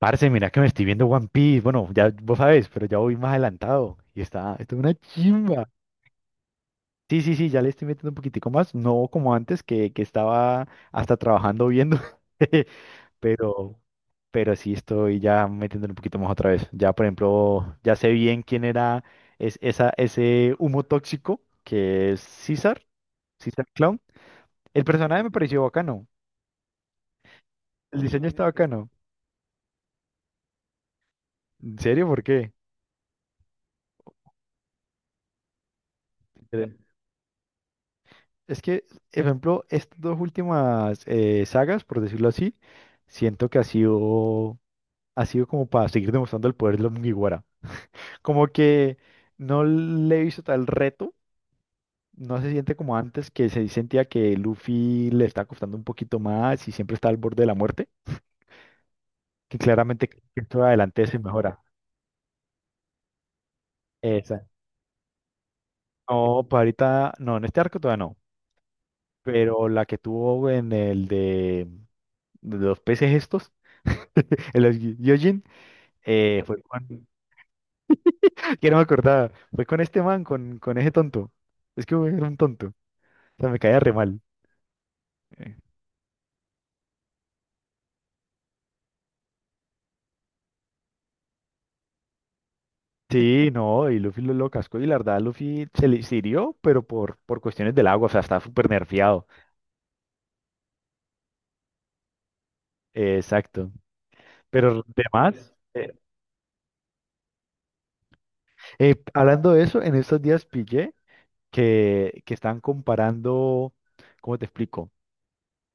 Parce, mira que me estoy viendo One Piece. Bueno, ya vos sabés, pero ya voy más adelantado. Y está, esto es una chimba. Sí, sí, sí, ya le estoy metiendo un poquitico más. No como antes, que estaba hasta trabajando viendo. Pero, pero sí estoy ya metiéndole un poquito más otra vez. Ya, por ejemplo, ya sé bien quién era ese humo tóxico, que es César, César Clown. El personaje me pareció bacano. El diseño está bacano. ¿En serio? ¿Por qué? Es que, ejemplo, estas dos últimas sagas, por decirlo así, siento que ha sido como para seguir demostrando el poder de los Mugiwara. Como que no le hizo tal reto, no se siente como antes, que se sentía que Luffy le está costando un poquito más y siempre está al borde de la muerte, que claramente esto adelante se mejora. Esa. No, para ahorita no, en este arco todavía no, pero la que tuvo en el de los peces estos. El fue con... Que no me acordaba. Fue con este man, con ese tonto. Es que era un tonto. O sea, me caía re mal. Eh, Sí, no, y Luffy lo cascó. Y la verdad, Luffy se hirió, pero por cuestiones del agua. O sea, estaba súper nerfeado. Exacto. Pero demás, hablando de eso, en estos días pillé que están comparando, ¿cómo te explico?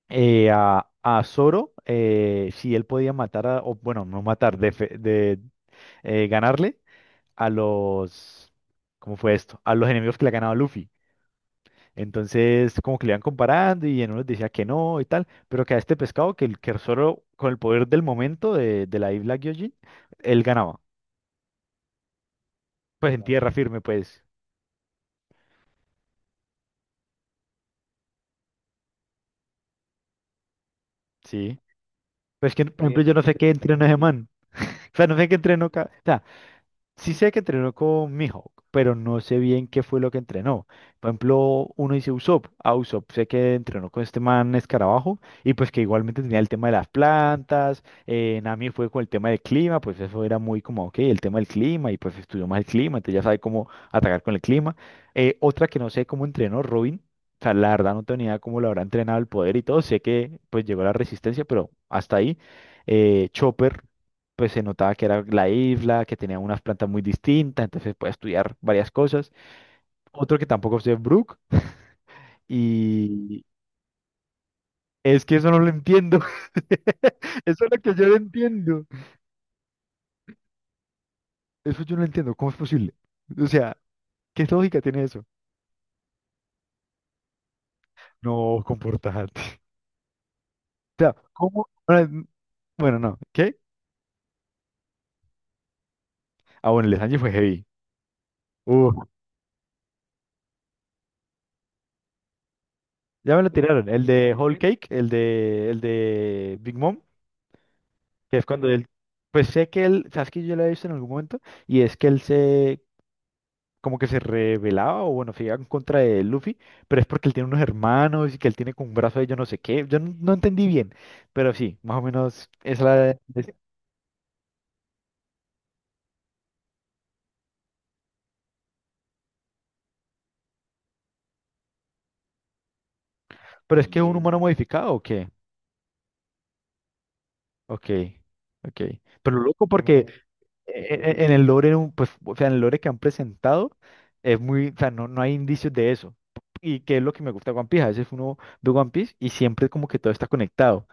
A Zoro, si él podía matar a, o bueno, no matar, de, fe- de ganarle a los, ¿cómo fue esto? A los enemigos que le ha ganado Luffy. Entonces, como que le iban comparando y en unos decía que no y tal, pero que a este pescado, que, el- que solo con el poder del momento de la isla Gyojin, él ganaba. Pues en tierra firme, pues, sí. Pues que, por ejemplo, yo no sé qué entreno ese man. O sea, no sé qué entreno. Ca- o sea, sí sé que entrenó con Mihawk, pero no sé bien qué fue lo que entrenó. Por ejemplo, uno dice Usopp. A Usopp sé que entrenó con este man Escarabajo y pues que igualmente tenía el tema de las plantas. Nami fue con el tema del clima, pues eso era muy como, ok, el tema del clima y pues estudió más el clima, entonces ya sabe cómo atacar con el clima. Otra que no sé cómo entrenó Robin. O sea, la verdad no tenía idea cómo lo habrá entrenado el poder y todo. Sé que pues llegó la resistencia, pero hasta ahí. Chopper pues se notaba que era la isla, que tenía unas plantas muy distintas, entonces puede estudiar varias cosas. Otro que tampoco sé es Brook, y es que eso no lo entiendo. Eso es lo que yo no entiendo. Eso yo no lo entiendo. ¿Cómo es posible? O sea, ¿qué lógica tiene eso? No, comportarte. O sea, ¿cómo? Ahora, n- bueno, no. ¿Qué? Ah, bueno, el de Sanji fue heavy. Uh, ya me lo tiraron. El de Whole Cake, el de Big Mom. Que es cuando él, pues sé que él, sabes que yo lo he visto en algún momento, y es que él se, como que se rebelaba, o bueno, se iba en contra de Luffy, pero es porque él tiene unos hermanos y que él tiene con un brazo de yo no sé qué, yo no, no entendí bien, pero sí, más o menos es la... Es- pero es que es un humano mm, modificado, ¿o qué? Ok, ok. Pero loco porque no. En el lore, un- pues, o sea, en el lore que han presentado, es muy, o sea, no, no hay indicios de eso. Y que es lo que me gusta de One Piece, a veces uno ve One Piece y siempre como que todo está conectado.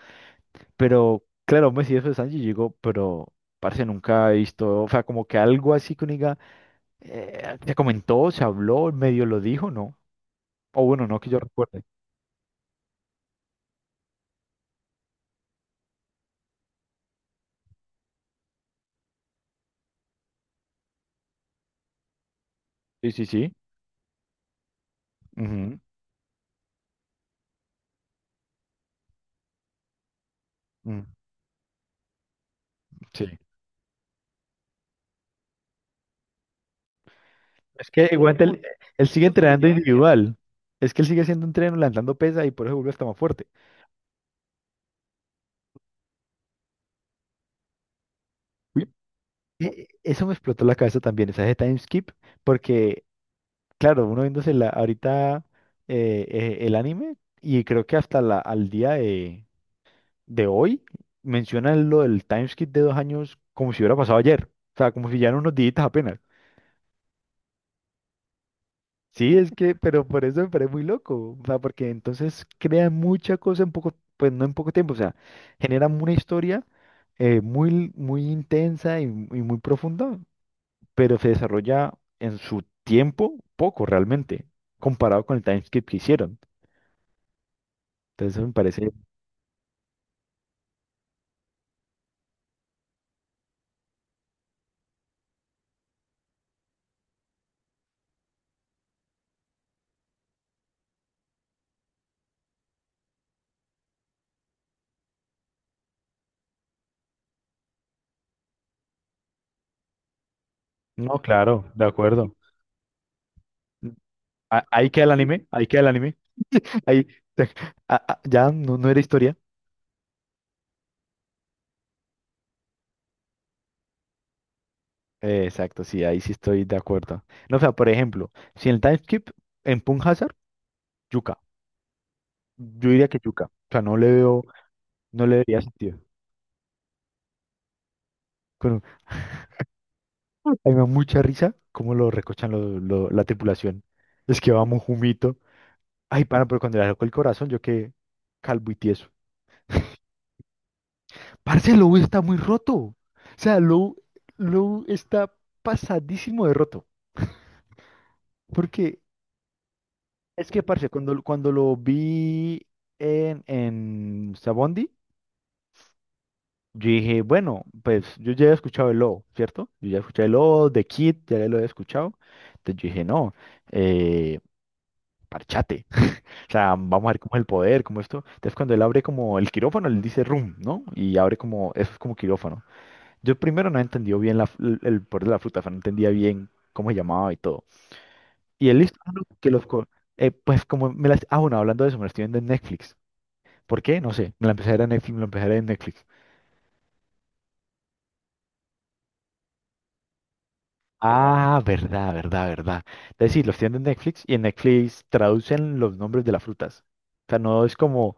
Pero claro, Messi después de Sanji llegó, pero parece nunca he visto, o sea, como que algo así que uno diga, se comentó, se habló, medio lo dijo, ¿no? O bueno, no que yo recuerde. Sí, sí, sí. Ujú, mm, sí. Es que igual él, sigue entrenando individual. Es que él sigue haciendo entreno, lanzando pesa y por eso vuelve hasta más fuerte. E- eso me explotó la cabeza también, esa de time skip, porque, claro, uno viéndose la, ahorita el anime y creo que hasta la, al día de hoy menciona lo del timeskip de 2 años como si hubiera pasado ayer. O sea, como si ya eran unos días apenas. Sí, es que, pero por eso me parece muy loco. O sea, porque entonces crean mucha cosa en poco, pues no en poco tiempo. O sea, generan una historia muy, muy intensa y muy profunda, pero se desarrolla en su tiempo poco realmente, comparado con el timeskip que hicieron. Entonces me parece, no, claro, de acuerdo. A- ahí queda el anime, ahí queda el anime. Ahí, ah, ah, ya no, no era historia. Exacto, sí, ahí sí estoy de acuerdo. No, o sea, por ejemplo, si en el time skip, en Punk Hazard, Yuka. Yo diría que Yuka. O sea, no le veo, no le vería sentido. Bueno, a mí me da mucha risa cómo lo recochan lo- la tripulación. Es que vamos jumito. Ay, pana, pero cuando le arrancó el corazón, yo quedé calvo y tieso. Parce, Lou está muy roto. O sea, Lou está pasadísimo de roto. Porque es que, parce, cuando lo vi en Sabondi, yo dije, bueno, pues yo ya he escuchado el lobo, ¿cierto? Yo ya escuché el lobo, de Kid, ya lo he escuchado. Entonces yo dije, no, eh, parchate. O sea, vamos a ver cómo es el poder, cómo esto. Entonces cuando él abre como el quirófano, él dice room, ¿no? Y abre como, eso es como quirófano. Yo primero no entendió bien la, el poder de la fruta, o sea, no entendía bien cómo se llamaba y todo. Y él listo, ah, no, que los... Co- pues como me las... Ah, bueno, hablando de eso, me lo estoy viendo en Netflix. ¿Por qué? No sé. Me la empecé a ver en Netflix, me la empecé a ver en Netflix. Ah, verdad, verdad, verdad. Es decir, los tienen en Netflix y en Netflix traducen los nombres de las frutas. O sea, no es como,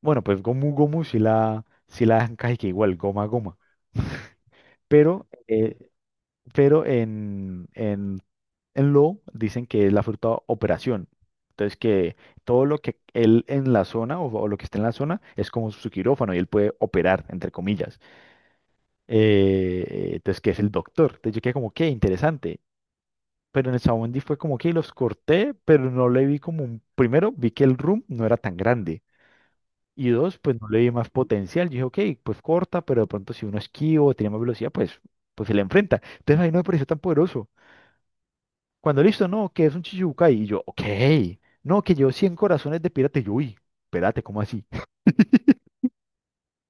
bueno, pues gomu gomu si la, dejan casi que igual, goma goma. Pero, eh, pero en, en Lo dicen que es la fruta operación. Entonces que todo lo que él en la zona o lo que está en la zona es como su quirófano y él puede operar, entre comillas. Eh, entonces, ¿que es el doctor? Entonces yo quedé como, qué interesante. Pero en el Sabondi fue como que los corté, pero no le vi como un... Primero, vi que el room no era tan grande. Y dos, pues no le vi más potencial. Yo dije, ok, pues corta, pero de pronto si uno esquivo, tiene más velocidad, pues, pues se le enfrenta. Entonces ahí no me pareció tan poderoso. Cuando listo, no, que es un Chichibukai. Y yo, ok, no, que llevo 100 corazones de pirata. Y yo, uy, espérate, ¿cómo así?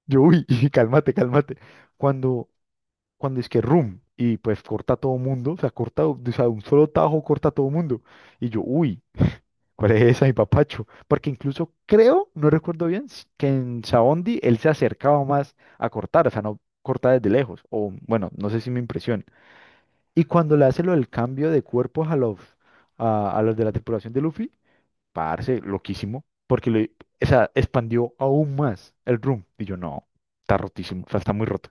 Yo, uy, cálmate, cálmate. Cuando cuando es que room y pues corta a todo mundo, o sea, corta, o sea, un solo tajo corta a todo mundo. Y yo, uy, ¿cuál es esa, mi papacho? Porque incluso creo, no recuerdo bien, s- que en Saondi él se acercaba más a cortar, o sea, no corta desde lejos, o bueno, no sé si mi impresión. Y cuando le hace lo del cambio de cuerpos a los, a los de la tripulación de Luffy, parce, loquísimo, porque le, o sea, expandió aún más el room. Y yo, no, está rotísimo, o sea, está muy roto.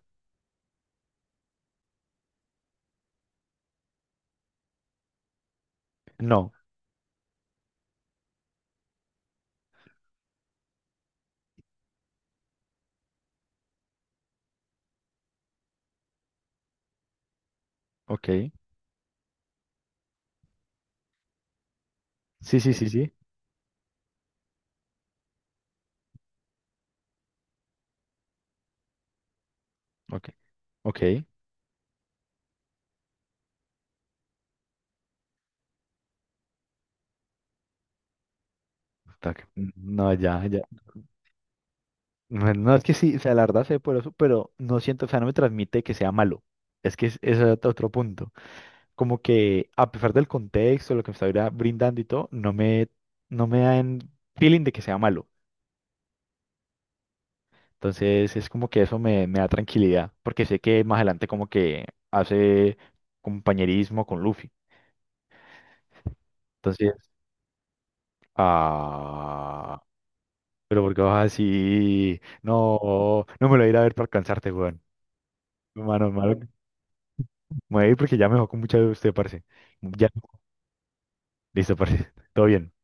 No, ok. Sí, sí, sí, sí. Ok. Ok. Está no, ya, ya. No, no, es que sí, o sea, la verdad sé por eso, pero no siento, o sea, no me transmite que sea malo. Es que es, es otro punto. Como que a pesar del contexto, lo que me está bra- brindando y todo, no me, dan feeling de que sea malo. Entonces es como que eso me da tranquilidad, porque sé que más adelante como que hace compañerismo con Luffy. Entonces, ah, pero porque vas así, no, no me lo voy a ir a ver para alcanzarte, weón. Mano, mano, me voy a ir porque ya me dejó con mucha de usted, parce. Ya, listo, parce. Todo bien.